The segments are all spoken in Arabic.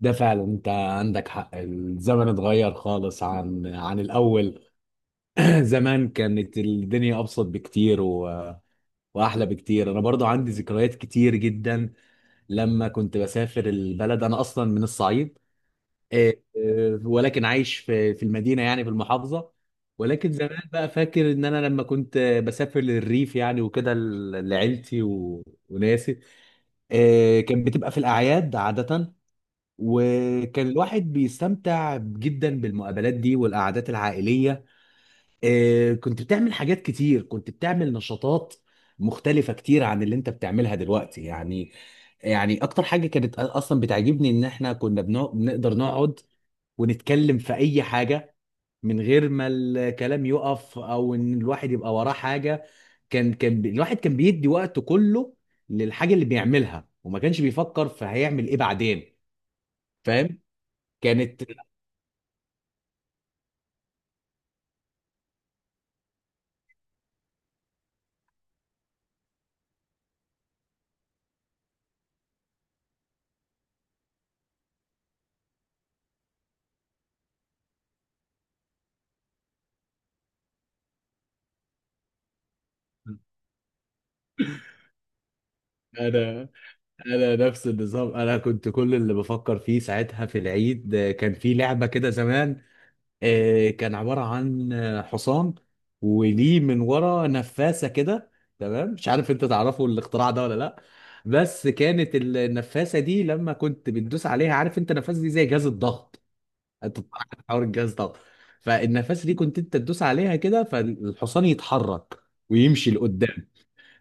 ده فعلا انت عندك حق، الزمن اتغير خالص عن الاول. زمان كانت الدنيا ابسط بكتير واحلى بكتير. انا برضو عندي ذكريات كتير جدا لما كنت بسافر البلد، انا اصلا من الصعيد. إيه، إيه، ولكن عايش في المدينة، يعني في المحافظة. ولكن زمان بقى فاكر ان انا لما كنت بسافر للريف يعني وكده لعيلتي وناسي. إيه، كان بتبقى في الاعياد عادة، وكان الواحد بيستمتع جدا بالمقابلات دي والقعدات العائلية. كنت بتعمل حاجات كتير، كنت بتعمل نشاطات مختلفة كتير عن اللي انت بتعملها دلوقتي يعني. يعني اكتر حاجة كانت اصلا بتعجبني ان احنا كنا بنقدر نقعد ونتكلم في اي حاجة من غير ما الكلام يقف او ان الواحد يبقى وراه حاجة. الواحد كان بيدي وقته كله للحاجة اللي بيعملها، وما كانش بيفكر في هيعمل ايه بعدين. فاهم. كانت انا انا نفس النظام. انا كنت كل اللي بفكر فيه ساعتها في العيد، كان في لعبه كده زمان، كان عباره عن حصان وليه من ورا نفاسه كده. تمام، مش عارف انت تعرفوا الاختراع ده ولا لا. بس كانت النفاسه دي لما كنت بتدوس عليها، عارف انت النفاسه دي زي جهاز الضغط، انت طبعاً عارف حوار الجهاز الضغط. فالنفاسه دي كنت انت تدوس عليها كده، فالحصان يتحرك ويمشي لقدام.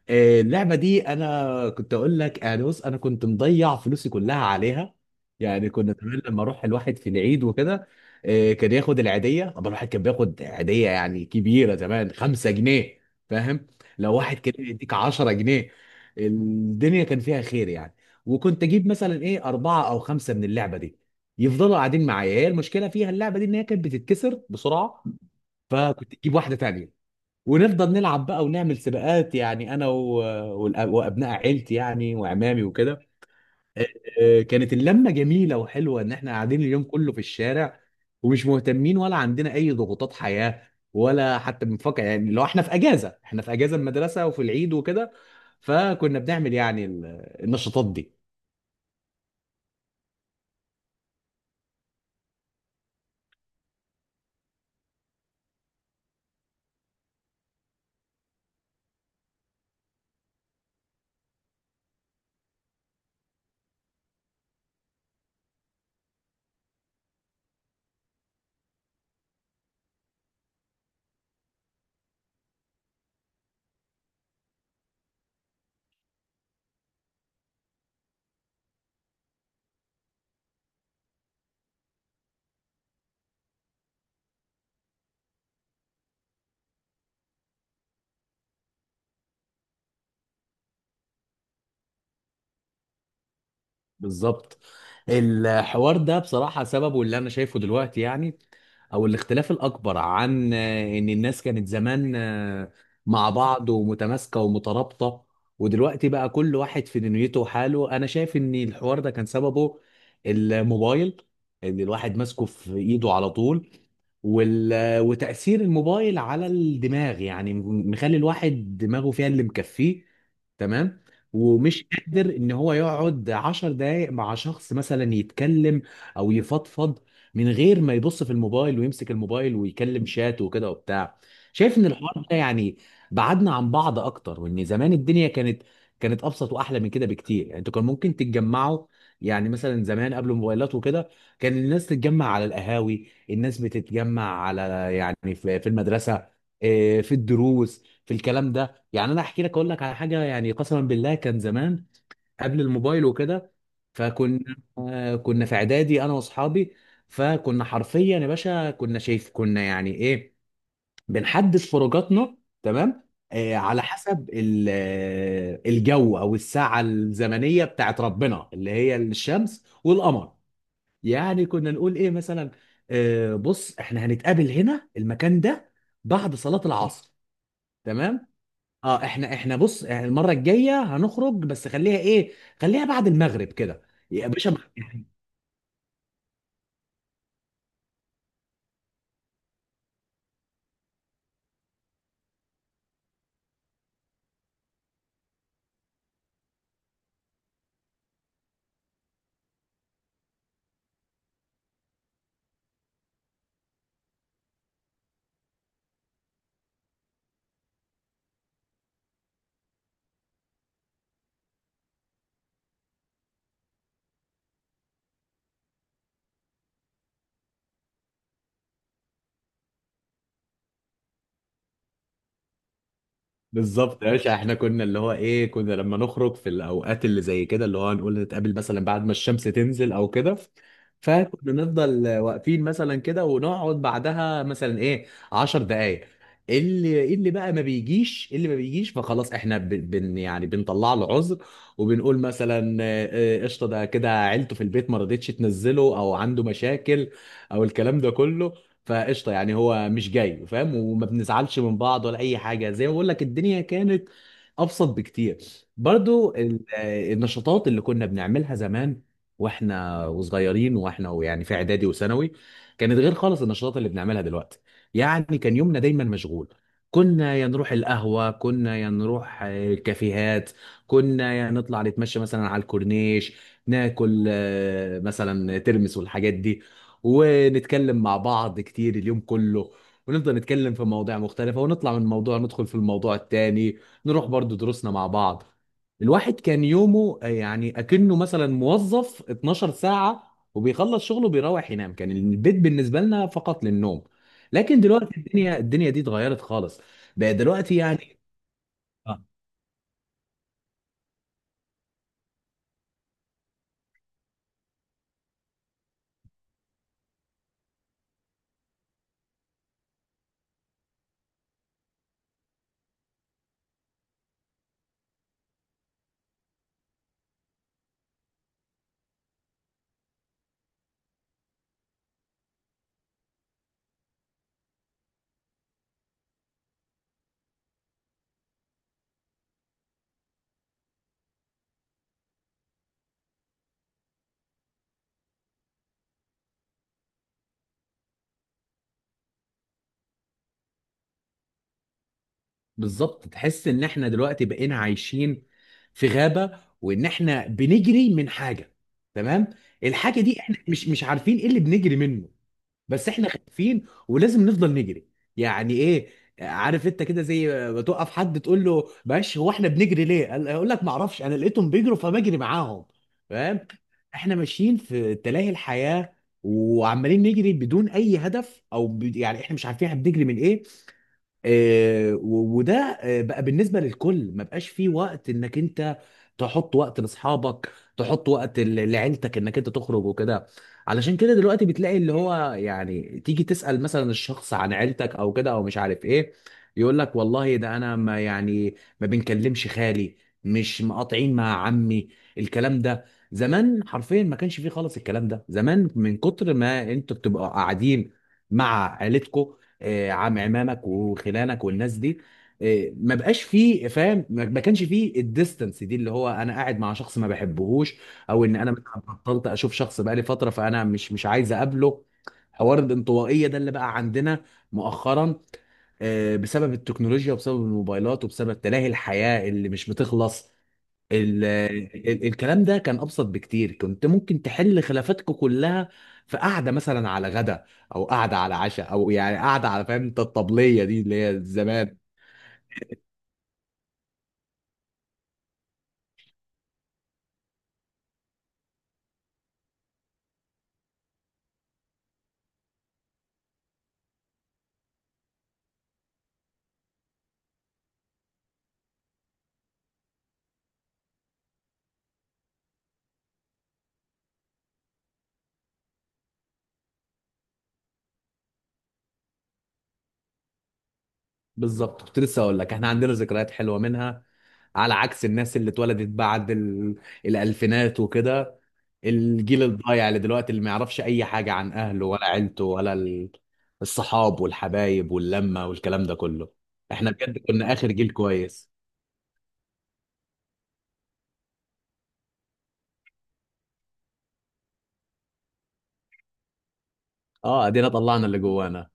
اللعبة دي أنا كنت أقول لك يعني، بص أنا كنت مضيع فلوسي كلها عليها. يعني كنا زمان لما أروح الواحد في العيد وكده، كان ياخد العيدية، طبعا الواحد كان بياخد عيدية يعني كبيرة زمان، 5 جنيه. فاهم؟ لو واحد كان يديك 10 جنيه الدنيا كان فيها خير يعني. وكنت أجيب مثلا إيه أربعة أو خمسة من اللعبة دي يفضلوا قاعدين معايا. هي المشكلة فيها اللعبة دي إن هي كانت بتتكسر بسرعة، فكنت تجيب واحدة تانية، ونفضل نلعب بقى ونعمل سباقات يعني انا وابناء عيلتي يعني وعمامي وكده. آه، كانت اللمه جميله وحلوه ان احنا قاعدين اليوم كله في الشارع ومش مهتمين ولا عندنا اي ضغوطات حياه، ولا حتى بنفكر يعني، لو احنا في اجازه، احنا في اجازه المدرسه وفي العيد وكده، فكنا بنعمل يعني النشاطات دي. بالظبط، الحوار ده بصراحة سببه اللي أنا شايفه دلوقتي يعني، أو الاختلاف الأكبر عن، إن الناس كانت زمان مع بعض، ومتماسكة ومترابطة، ودلوقتي بقى كل واحد في دنيته وحاله. أنا شايف إن الحوار ده كان سببه الموبايل، إن الواحد ماسكه في إيده على طول. وال... وتأثير الموبايل على الدماغ يعني مخلي الواحد دماغه فيها اللي مكفيه. تمام. ومش قادر ان هو يقعد عشر دقايق مع شخص مثلا يتكلم او يفضفض من غير ما يبص في الموبايل ويمسك الموبايل ويكلم شات وكده وبتاع. شايف ان الحوار ده يعني بعدنا عن بعض اكتر، وان زمان الدنيا كانت ابسط واحلى من كده بكتير. يعني انتوا كان ممكن تتجمعوا، يعني مثلا زمان قبل الموبايلات وكده كان الناس تتجمع على القهاوي، الناس بتتجمع على، يعني في المدرسه. إيه، في الدروس، في الكلام ده يعني، انا احكي لك اقول لك على حاجه، يعني قسما بالله كان زمان قبل الموبايل وكده، فكنا كنا في اعدادي انا واصحابي، فكنا حرفيا يا باشا، كنا شايف كنا يعني ايه، بنحدد خروجاتنا. تمام. على حسب الجو او الساعه الزمنيه بتاعت ربنا اللي هي الشمس والقمر. يعني كنا نقول ايه مثلا، بص احنا هنتقابل هنا المكان ده بعد صلاة العصر. تمام. اه احنا بص، يعني المرة الجاية هنخرج، بس خليها ايه، خليها بعد المغرب كده. يا باشا، بالظبط يا باشا، احنا كنا اللي هو ايه، كنا لما نخرج في الاوقات اللي زي كده، اللي هو نقول نتقابل مثلا بعد ما الشمس تنزل او كده، فكنا نفضل واقفين مثلا كده ونقعد بعدها مثلا ايه 10 دقايق، اللي بقى ما بيجيش، اللي ما بيجيش فخلاص احنا ب- بن يعني بنطلع له عذر. وبنقول مثلا قشطه، ده كده عيلته في البيت ما رضتش تنزله، او عنده مشاكل، او الكلام ده كله، فقشطه يعني هو مش جاي، فاهم، وما بنزعلش من بعض ولا اي حاجه. زي ما بقول لك الدنيا كانت ابسط بكتير. برضو النشاطات اللي كنا بنعملها زمان واحنا وصغيرين، واحنا يعني في اعدادي وثانوي، كانت غير خالص النشاطات اللي بنعملها دلوقتي. يعني كان يومنا دايما مشغول، كنا يا نروح القهوة، كنا يا نروح الكافيهات، كنا يا نطلع نتمشى مثلا على الكورنيش، ناكل مثلا ترمس والحاجات دي، ونتكلم مع بعض كتير اليوم كله، ونفضل نتكلم في مواضيع مختلفة ونطلع من موضوع ندخل في الموضوع التاني، نروح برضو دروسنا مع بعض. الواحد كان يومه يعني أكنه مثلا موظف 12 ساعة، وبيخلص شغله بيروح ينام. كان البيت بالنسبة لنا فقط للنوم. لكن دلوقتي الدنيا، دي اتغيرت خالص. بقى دلوقتي يعني، بالظبط، تحس ان احنا دلوقتي بقينا عايشين في غابة، وان احنا بنجري من حاجة. تمام. الحاجة دي احنا مش عارفين ايه اللي بنجري منه، بس احنا خايفين ولازم نفضل نجري. يعني ايه، عارف انت كده، زي ما توقف حد تقول له معلش، هو احنا بنجري ليه، يقول لك ما اعرفش، انا لقيتهم بيجروا فبجري معاهم. فاهم. احنا ماشيين في تلاهي الحياة، وعمالين نجري بدون اي هدف او يعني احنا مش عارفين احنا بنجري من ايه. وده بقى بالنسبه للكل، ما بقاش فيه وقت انك انت تحط وقت لاصحابك، تحط وقت لعيلتك، انك انت تخرج وكده. علشان كده دلوقتي بتلاقي اللي هو، يعني تيجي تسال مثلا الشخص عن عيلتك او كده او مش عارف ايه، يقول لك والله ده انا ما يعني، ما بنكلمش خالي، مش مقاطعين مع عمي، الكلام ده. زمان حرفيا ما كانش فيه خالص الكلام ده. زمان من كتر ما انتوا بتبقوا قاعدين مع عيلتكم، عمامك وخلانك والناس دي. ما بقاش فيه، فاهم، ما كانش فيه الديستنس دي اللي هو انا قاعد مع شخص ما بحبهوش، او ان انا بطلت اشوف شخص بقالي فتره، فانا مش عايز اقابله. حوار الانطوائيه ده اللي بقى عندنا مؤخرا بسبب التكنولوجيا وبسبب الموبايلات وبسبب تلاهي الحياه اللي مش بتخلص. ال ال الكلام ده كان ابسط بكتير، كنت ممكن تحل خلافاتكم كلها في قعده مثلا على غدا، او قعده على عشاء، او يعني قعده على، فاهم انت، الطبليه دي اللي هي زمان. بالظبط، كنت لسه اقول لك احنا عندنا ذكريات حلوه منها، على عكس الناس اللي اتولدت بعد الالفينات وكده، الجيل الضايع اللي دلوقتي، اللي ما يعرفش اي حاجه عن اهله ولا عيلته ولا الصحاب والحبايب واللمه والكلام ده كله. احنا بجد كنا اخر جيل كويس. اه، ادينا طلعنا اللي جوانا.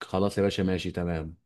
خلاص يا باشا، ماشي، تمام.